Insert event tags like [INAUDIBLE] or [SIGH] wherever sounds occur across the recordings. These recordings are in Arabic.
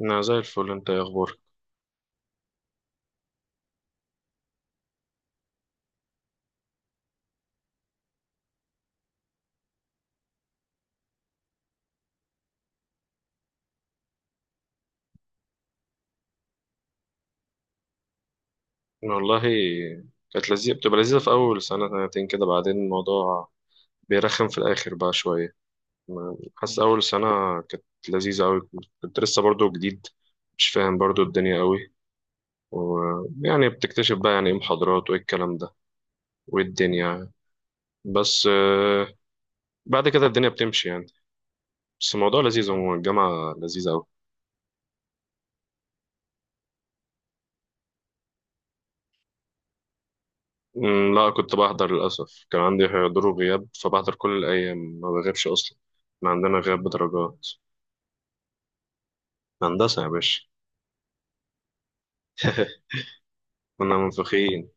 انا زي الفل، انت ايه اخبارك؟ أنا والله كانت لذيذه، بتبقى لذيذه في اول سنه سنتين كده، بعدين الموضوع بيرخم في الاخر بقى شويه. حاسس اول سنه كانت لذيذه قوي. كنت لسه برضو جديد، مش فاهم برضو الدنيا قوي، ويعني بتكتشف بقى يعني ايه محاضرات وايه الكلام ده وايه الدنيا. بس بعد كده الدنيا بتمشي يعني. بس الموضوع لذيذ عموما، الجامعه لذيذه قوي. مم، لا كنت بحضر، للأسف كان عندي حضور وغياب فبحضر كل الأيام، ما بغيبش أصلا. احنا عندنا غياب بدرجات. هندسة يا باشا. [LAUGHS] كنا منفخين.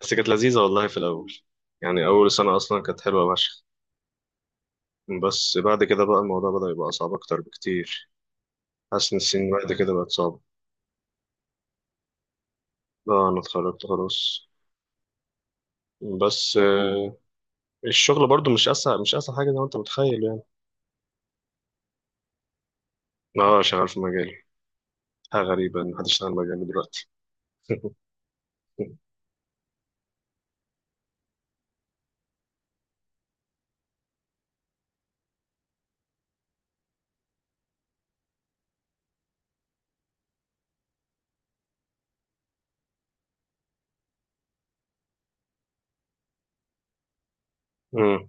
بس كانت لذيذة والله في الأول، يعني أول سنة أصلا كانت حلوة فشخ. بس بعد كده بقى الموضوع بدأ يبقى صعب أكتر بكتير، حاسس إن السنين بعد كده بقت صعبة. اه أنا اتخرجت خلاص. بس الشغل برضو مش أسهل، مش أسهل حاجة زي ما أنت متخيل يعني. اه شغال في مجالي. حاجة غريبة إن حد يشتغل مجالي دلوقتي. [LAUGHS] اوكي. امم.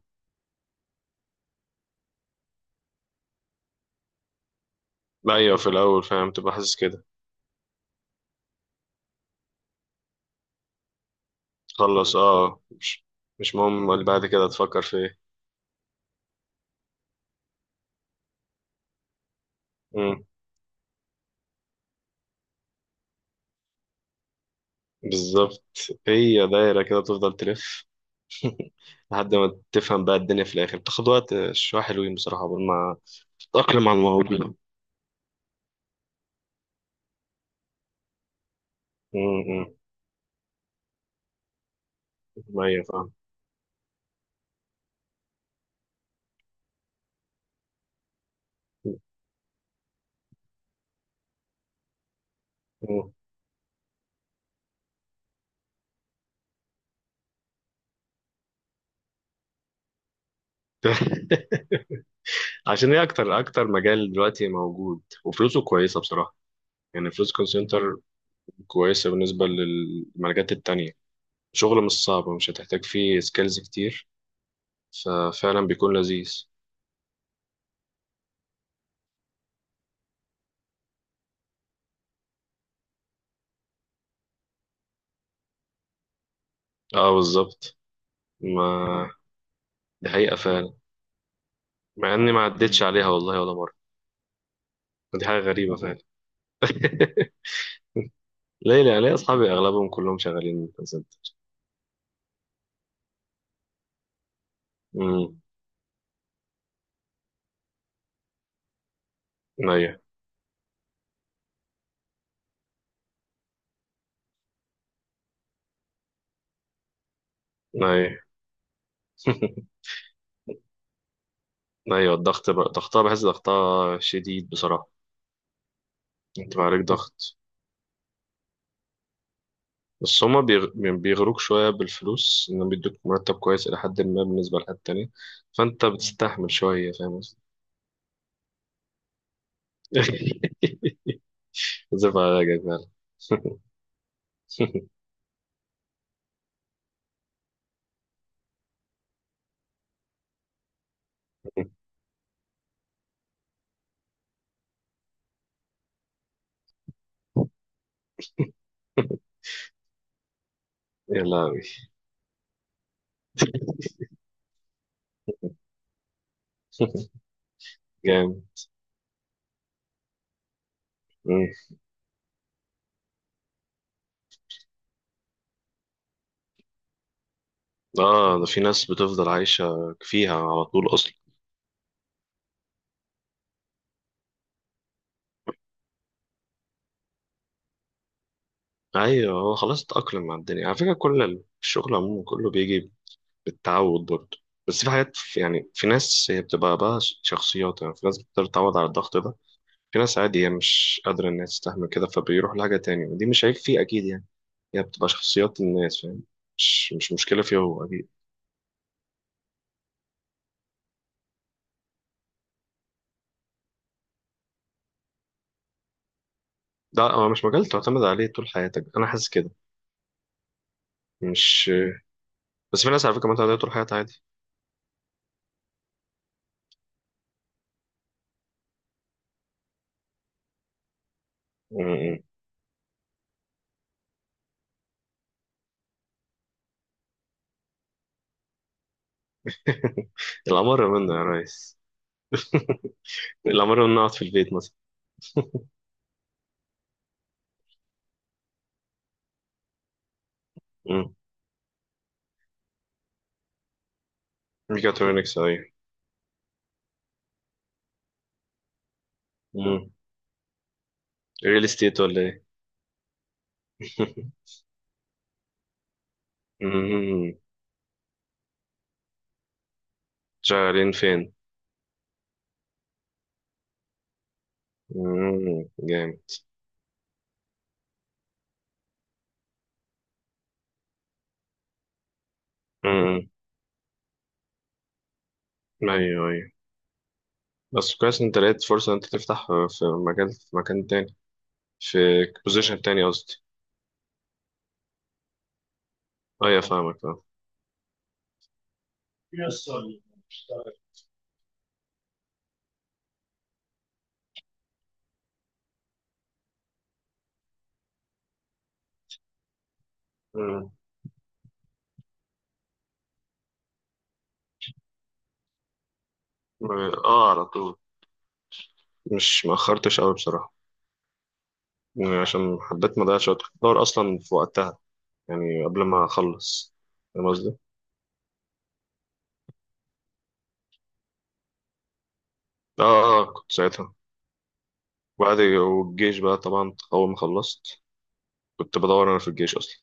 ايوه في الاول فاهم، تبقى حاسس كده. خلص مش مهم اللي بعد كده تفكر في ايه. امم. بالظبط. هي دايره كده تفضل تلف، لحد ما تفهم بقى الدنيا في الاخر، بتاخد وقت شويه حلوين بصراحه قبل ما تتاقلم على الموضوع. امم، أمم. ايوه فاهم. مم. [LAUGHS] عشان هي اكتر مجال دلوقتي موجود وفلوسه كويسه بصراحه. يعني فلوس كول سنتر كويسه بالنسبه للمجالات التانية. شغل مش صعب ومش هتحتاج فيه سكيلز كتير، ففعلا بيكون لذيذ. اه بالظبط. ما دي حقيقه فعلا، مع اني ما عدتش عليها والله ولا مره. دي حاجه غريبه فعلا. [LAUGHS] ليه لا، ليه اصحابي اغلبهم كلهم شغالين كول سنتر؟ امم. ايوه ايوه. [LAUGHS] ايوه الضغط بقى، ضغطها بحس ضغطها شديد بصراحه. انت بقى عليك ضغط. بس هما بيغروك شوية بالفلوس، إنهم بيدوك مرتب كويس إلى حد ما بالنسبة لحد تاني، فأنت بتستحمل شوية. فاهم قصدي؟ [LAUGHS] زف على راجلك فعلا. [LAUGHS] يا لهوي. جامد. مم. آه ده في ناس بتفضل عايشة فيها على طول أصلا. أيوه هو خلاص اتأقلم مع الدنيا على فكرة، كل الشغل عموما كله بيجي بالتعود برضه. بس في حاجات يعني، في ناس هي بتبقى بقى شخصيات، يعني في ناس بتقدر تتعود على الضغط ده، في ناس عادي هي مش قادرة إنها تستحمل كده فبيروح لحاجة تانية، ودي مش عيب فيه أكيد يعني. هي بتبقى شخصيات الناس، فاهم. مش مشكلة فيه هو أكيد. ده هو مش مجال تعتمد عليه طول حياتك، أنا حاسس كده. مش بس في ناس على فكرة معتمدة عليه طول حياتها عادي. م. [LAUGHS] الأمر منه يا ريس. [LAUGHS] الأمر منه أقعد في البيت مثلا. م. ميكاترونكس أيوة. م. ريل استيت ولا إيه؟ [LAUGHS] م. شغالين فين؟ م. جامد. م- م. أيوه أيوه. بس كويس إن انت لقيت فرصة إن انت تفتح في مجال، في مكان تاني، في بوزيشن تاني قصدي. اه يا فاهمك اه. مم. اه على طول. مش مأخرتش قوي بصراحة، يعني عشان حبيت ما اضيعش وقت، كنت بدور اصلا في وقتها، يعني قبل ما اخلص، فاهم قصدي؟ اه. اه كنت ساعتها. والجيش بقى طبعا اول ما خلصت، كنت بدور انا في الجيش اصلا.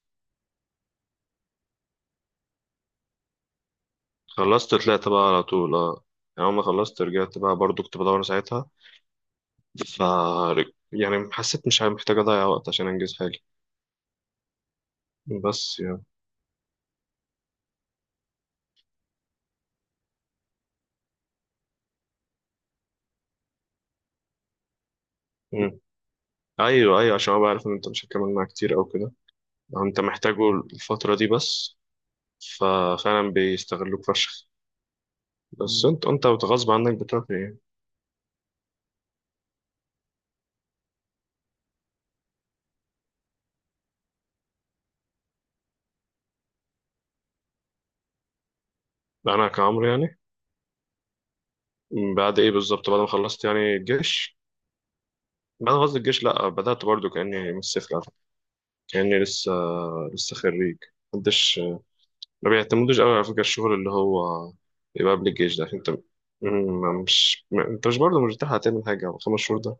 خلصت طلعت بقى على طول اه. يعني اول ما خلصت رجعت بقى برضو كنت بدور ساعتها. ف يعني حسيت مش محتاج أضيع وقت عشان أنجز حاجة. بس يعني. مم. أيوه أيوه عشان أبقى عارف إن أنت مش هتكمل معاه كتير أو كده، أو أنت محتاجه الفترة دي بس. ففعلا بيستغلوك فشخ. بس، مم. أنت غصب عنك بتروح إيه؟ أنا كعمرو يعني. مم، بعد إيه بالظبط، بعد ما خلصت يعني الجيش، بعد ما خلصت الجيش لأ بدأت برضو كأني من الصفر على فكرة. كأني لسه خريج. محدش ما بيعتمدوش قوي على فكرة، الشغل اللي هو يبقى قبل الجيش ده، عشان انت م- مش م- انت مش برضه مش بتلحق تعمل حاجة على 5 شهور ده.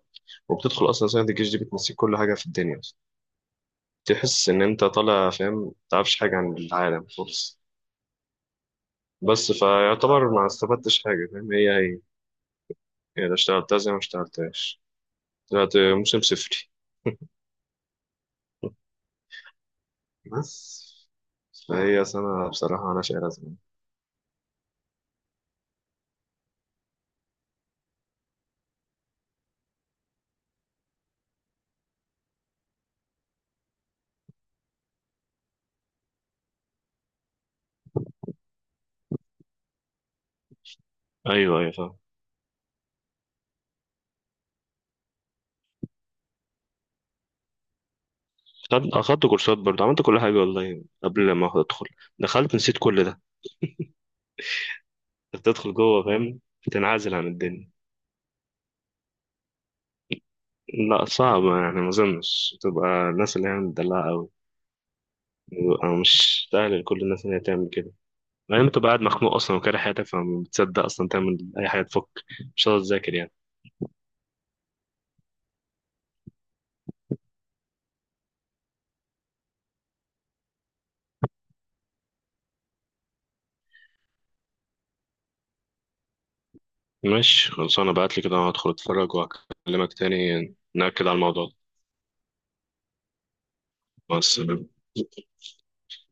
وبتدخل أصلا. سنة الجيش دي بتنسيك كل حاجة في الدنيا أصلا. تحس إن أنت طالع فاهم، متعرفش حاجة عن العالم خالص. بس فيعتبر ما استفدتش حاجة، فاهم. هي لا اشتغلتها زي ما اشتغلتهاش، طلعت موسم صفري. بس فهي سنة بصراحة أنا شايلها زمان. أيوه أيوه فاهم. أخدت كورسات برضه، عملت كل حاجة والله قبل ما أدخل. دخلت نسيت كل ده. بتدخل جوه فاهم، بتنعزل عن الدنيا. لا صعبة يعني، ما أظنش، تبقى الناس اللي هي مدلعة أوي بيبقى مش سهل لكل الناس إن هي تعمل كده. بعدين بتبقى قاعد مخنوق أصلا وكاره حياتك، فما بتصدق أصلا تعمل أي حاجة تفك، مش هتقدر تذاكر يعني. ماشي خلصانة، بعتلي كده أنا هدخل أتفرج وأكلمك تاني، نأكد على الموضوع ده. مع السلامة.